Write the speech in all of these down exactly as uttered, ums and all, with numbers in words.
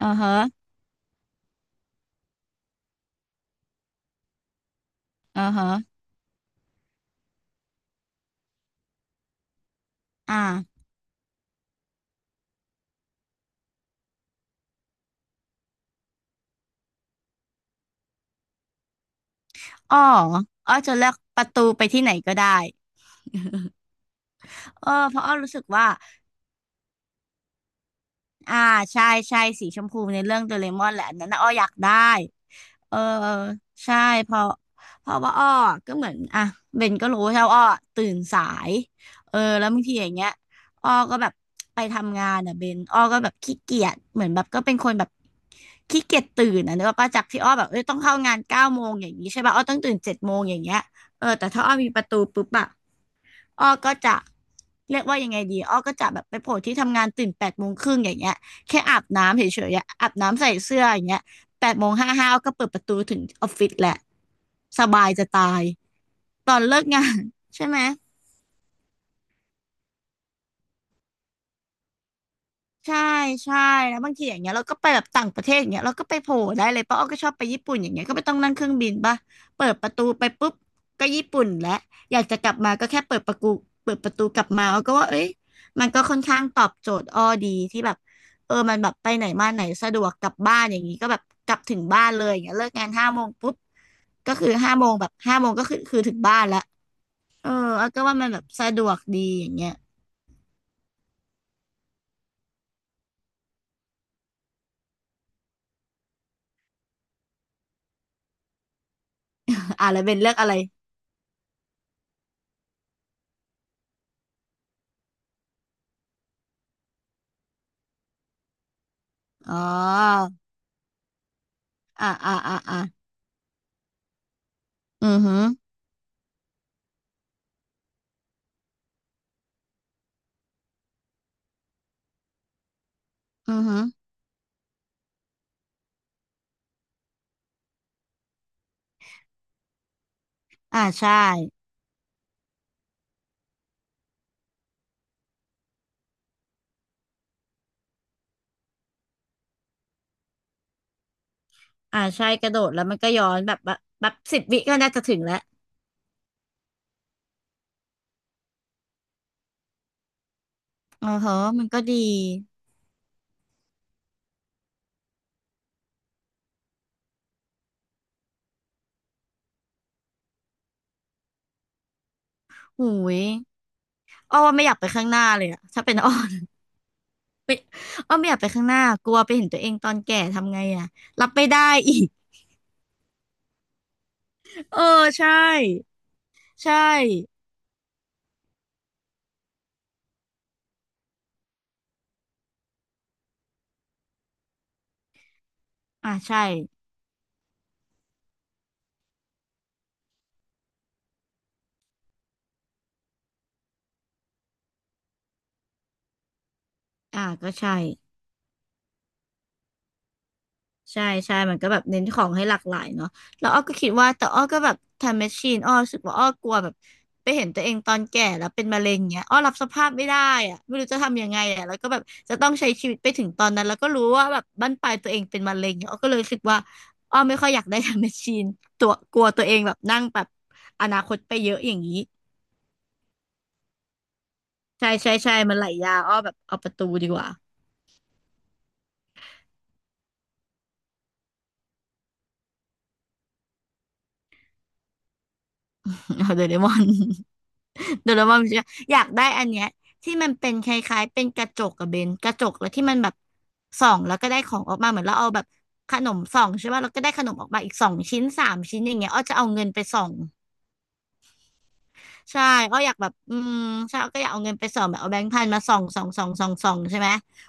อือฮะอือฮะอ่าอ้ออ้อจะเลือกประตูไปที่ไหนก็ได้เออเพราะอ้อรู้สึกว่า อ่าใช่ใช่สีชมพูในเรื่องโดเรมอนแหละอันนั้นน่ะอ้ออยากได้เออใช่เพราะเพราะว่าอ้อก็เหมือนอ่ะเบนก็รู้ใช่ว่าอ้อตื่นสายเออแล้วบางทีอย่างเงี้ยอ้อก็แบบไปทำงานอ่ะเบนอ้อก็แบบขี้เกียจเหมือนแบบก็เป็นคนแบบขี้เกียจตื่นอ่ะเนกอะป้าจากที่อ้อแบบเอ้ยต้องเข้างานเก้าโมงอย่างนี้ใช่ป่ะอ้อต้องตื่นเจ็ดโมงอย่างเงี้ยเออแต่ถ้าอ้อมีประตูปุ๊บอะ อ้อก็จะเรียกว่ายังไงดีอ้อก็จะแบบไปโผล่ที่ทำงานตื่นแปดโมงครึ่งอย่างเงี้ยแค่อาบน้ำเฉยๆอะอาบน้ำใส่เสื้ออย่างเงี้ยแปดโมงห้าห้าอ้อก็เปิดประตูถึงออฟฟิศแหละสบายจะตายตอนเลิกงาน ใช่ไหม ใช่ ใช่แล้วบางทีอย่างเงี้ยเราก็ไปแบบต่างประเทศอย่างเงี้ยเราก็ไปโผล่ได้เลยป้าอ้อก็ชอบไปญี่ปุ่นอย่างเงี้ยก็ไม่ต้องนั่งเครื่องบินป่ะเปิดประตูไปปุ๊บก็ญี่ปุ่นแล้วอยากจะกลับมาก็แค่เปิดประตูเปิดประตูกลับมาอ้อก็ว่าเอ้ยมันก็ค่อนข้างตอบโจทย์อ้อดีที่แบบเออมันแบบไปไหนมาไหนสะดวกกลับบ้านอย่างงี้ก็แบบกลับถึงบ้านเลยอย่างเงี้ยเลิกงานห้าโมงปุ๊บก็คือห้าโมงแบบห้าโมงก็คือคือถึงบ้านละเอออ้อก็ว่ามันแบบสะดวกดีอย่างเงี้ยอ่ะแล้วเป็นเลือกอะไรอ๋ออ่ะอ่ะอ่ะอ่ะ อือหืออือหืออ่าใช่อ่าใช่กระโดดแล้วมันก็ย้อนแบบแบบแบบสิบวิก็น่าจะถึงแล้วอ๋อเหรอมันก็ดีหูยอ้อว่าไม่อยากไปข้างหน้าเลยอะถ้าเป็น อ้อ อ้อไม่อยากไปข้างหน้ากลัวไปเห็นตัวเองตอนแก่ทำไงอะรับไม่ได้อีก เออใช่ใช่อ่าใช่อ่าก็ใช่ ใช่ใช่มันก็แบบเน้นของให้หลากหลายเนาะแล้วอ้อก็คิดว่าแต่อ้อก็แบบทำแมชชีนอ้อรู้สึกว่าอ้อกลัวแบบไปเห็นตัวเองตอนแก่แล้วเป็นมะเร็งเงี้ยอ้อรับสภาพไม่ได้อะไม่รู้จะทำยังไงอะแล้วก็แบบจะต้องใช้ชีวิตไปถึงตอนนั้นแล้วก็รู้ว่าแบบบั้นปลายตัวเองเป็นมะเร็งเนี่ยอ้อก็เลยรู้สึกว่าอ้อไม่ค่อยอยากได้ทำแมชชีนตัวกลัวตัวเองแบบนั่งแบบอนาคตไปเยอะอย่างนี้ใช่ใช่ใช่มันไหลยาวอ้อแบบเอาประตูดีกว่า เอาโดเรมอน เดี๋ยวเรามาอยากได้อันเนี้ยที่มันเป็นคล้ายๆเป็นกระจกกับเบนกระจกแล้วที่มันแบบส่องแล้วก็ได้ของออกมาเหมือนเราเอาแบบขนมส่องใช่ป่ะเราก็ได้ขนมออกมาอีกสองชิ้นสามชิ้นอย่างเงี้ยอ้อจะเอาเงินไปส่องใช่อ้ออยากแบบอืมใช่อ้อก็อยากเอาเงินไปส่องแบบเอาแบงค์พันมาส่องส่องส่องส่องส่องใช่ไหม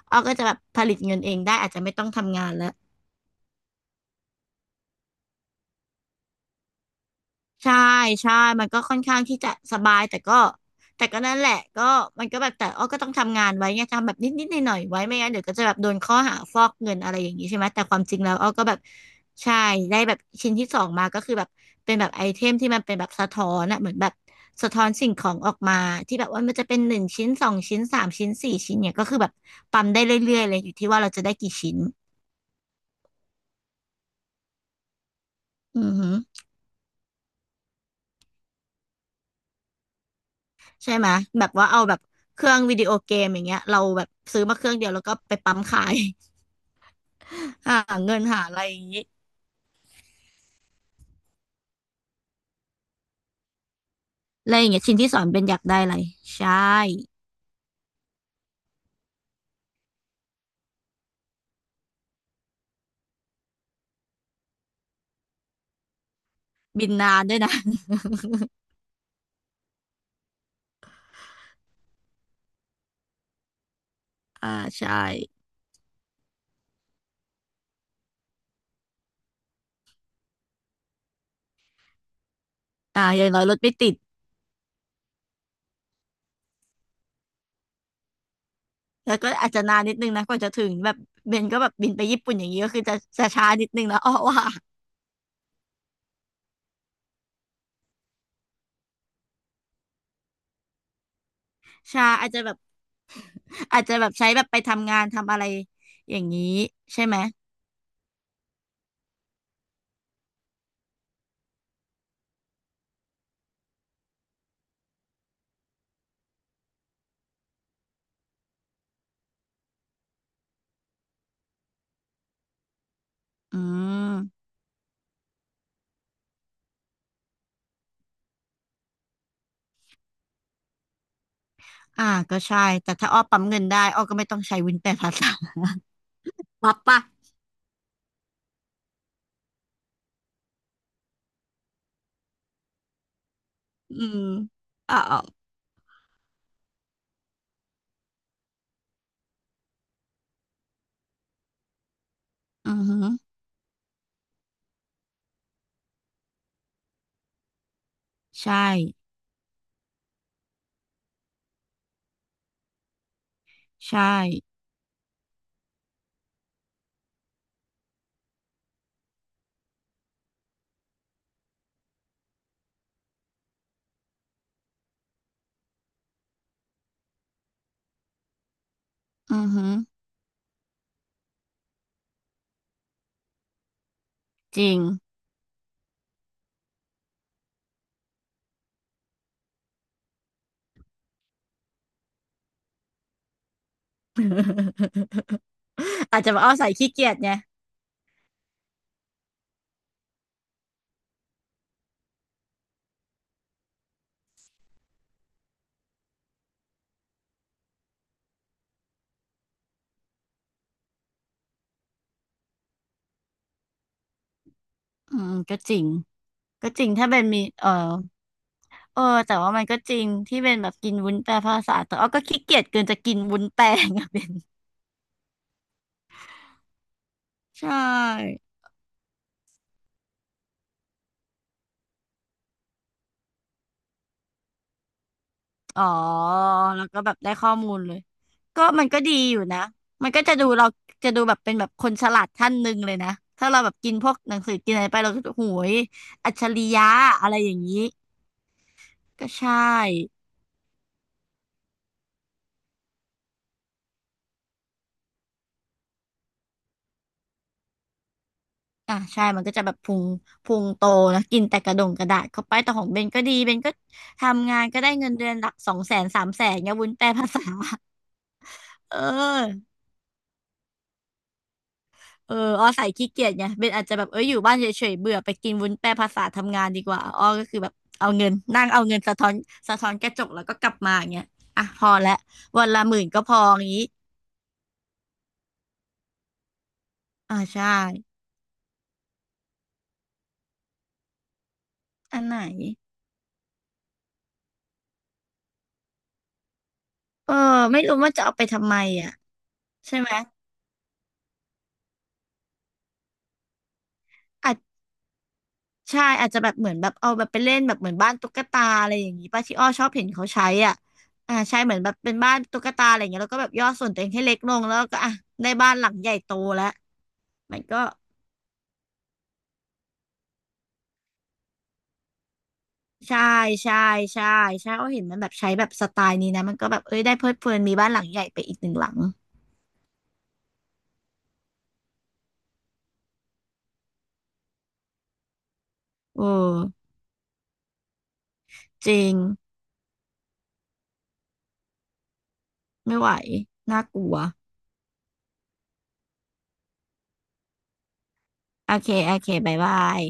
อ้อก็จะแบบผลิตเงินเองได้อาจจะไม่ต้องทำงานแล้ว ใช่ใช่ มันก็ค่อนข้างที่จะสบายแต่ก็แต่ก็นั่นแหละก็มันก็แบบแต่อ้อก็ต้องทำงานไว้ไงทำแบบนิดนิดหน่อยหน่อยๆไว้ไม่งั้นเดี๋ยวก็จะแบบโดนข้อหาฟอกเงินอะไรอย่างนี้ใช่ไหมแต่ความจริงแล้วอ้อก็แบบใช่ได้แบบชิ้นที่สองมาก็คือแบบเป็นแบบไอเทมที่มันเป็นแบบสะท้อนอะเหมือนแบบสะท้อนสิ่งของออกมาที่แบบว่ามันจะเป็นหนึ่งชิ้นสองชิ้นสามชิ้นสี่ชิ้นเนี่ยก็คือแบบปั๊มได้เรื่อยๆเลยอยู่ที่ว่าเราจะได้กี่ชิ้นอือฮึ ใช่ไหมแบบว่าเอาแบบเครื่องวิดีโอเกมอย่างเงี้ยเราแบบซื้อมาเครื่องเดียวแล้วก็ไปปั๊มขาย หาเงินหาอะไรอย่างงี้อะไรอย่างเงี้ยชิ้นที่สอนเป็นอยากได้อะไรใช่บินนานด้วยนะ อ่าใช่อ่าอย่างน้อยรถไม่ติดแล้วก็อาจจะนานนิดนึงนะกว่าจะถึงแบบเบนก็แบบบินไปญี่ปุ่นอย่างนี้ก็คือจะจะช้านิดนึงนะ อ้อว่าช้าอาจจะแบบอาจจะแบบใช้แบบไปทำงานทำอะไรอย่างนี้ใช่ไหมอืมอ่าก็ใช่แต่ถ้าอ้อปั๊มเงินได้อ้อก็ไม่ต้องใช้วินแปดภาษา วับปะอืมอ่าอาอือฮึใช่ใช่อือฮึจริง อาจจะมาเอาใส่ขี้เกียจไงอืมก็จริงก็จริงถ้าเป็นมีเออเออแต่ว่ามันก็จริงที่เป็นแบบกินวุ้นแปลภาษาแต่เอาก็ขี้เกียจเกินจะกินวุ้นแปล งอะเป็นใช่ อ๋อ แล้วก็แบบได้ข้อมูลเลย ก็มันก็ดีอยู่นะ มันก็จะดูเราจะดูแบบเป็นแบบคนฉลาดท่านหนึ่งเลยนะ ถ้าเราแบบกินพวกหนังสือกินอะไรไปเราก็จะโหยอัจฉริยะอะไรอย่างนี้ ก็ใช่ อ่ะใช่มันก็จะแบบพุงพุงโตนะ กินแต่กระดงกระดาษเข้าไปแต่ของเบนก็ดี เบนก็ทำงานก็ได้เงินเดือนหลักสองแสนสามแสนเงี้ยวุ้นแปลภาษา เออ เอออ้อใส่ขี้เกียจไงเบนอาจจะแบบเอออยู่บ้านเฉยๆเบื่อไปกินวุ้นแปรภาษาทำงานดีกว่าอ้อก็คือแบบเอาเงินนั่งเอาเงินสะท้อนสะท้อนกระจกแล้วก็กลับมาอย่างเงี้ยอ่ะพอละวันละหมื่นก็พออย่างงี้อ่าใช่อันไหนเออไม่รู้ว่าจะเอาไปทำไมอ่ะใช่ไหมอาจใช่อาจจะแบบเหมือนแบบเอาแบบไปเล่นแบบเหมือนบ้านตุ๊กตาอะไรอย่างงี้ป้าที่อ้อชอบเห็นเขาใช้อ่ะอ่าใช่เหมือนแบบเป็นบ้านตุ๊กตาอะไรอย่างเงี้ยแล้วก็แบบย่อส่วนตัวเองให้เล็กลงแล้วก็อ่ะได้บ้านหลังใหญ่โตแล้วมันก็ ใช่ใช่ใช่ใช่เขาเห็นมันแบบใช้แบบสไตล์นี้นะมันก็แบบเอ้ยได้เพลิดเพลินมีบ้านหลังใหญ่ไปอีกหนึ่งหลังเออจริงไม่ไหวน่ากลัวโอเคโอเคบ๊ายบาย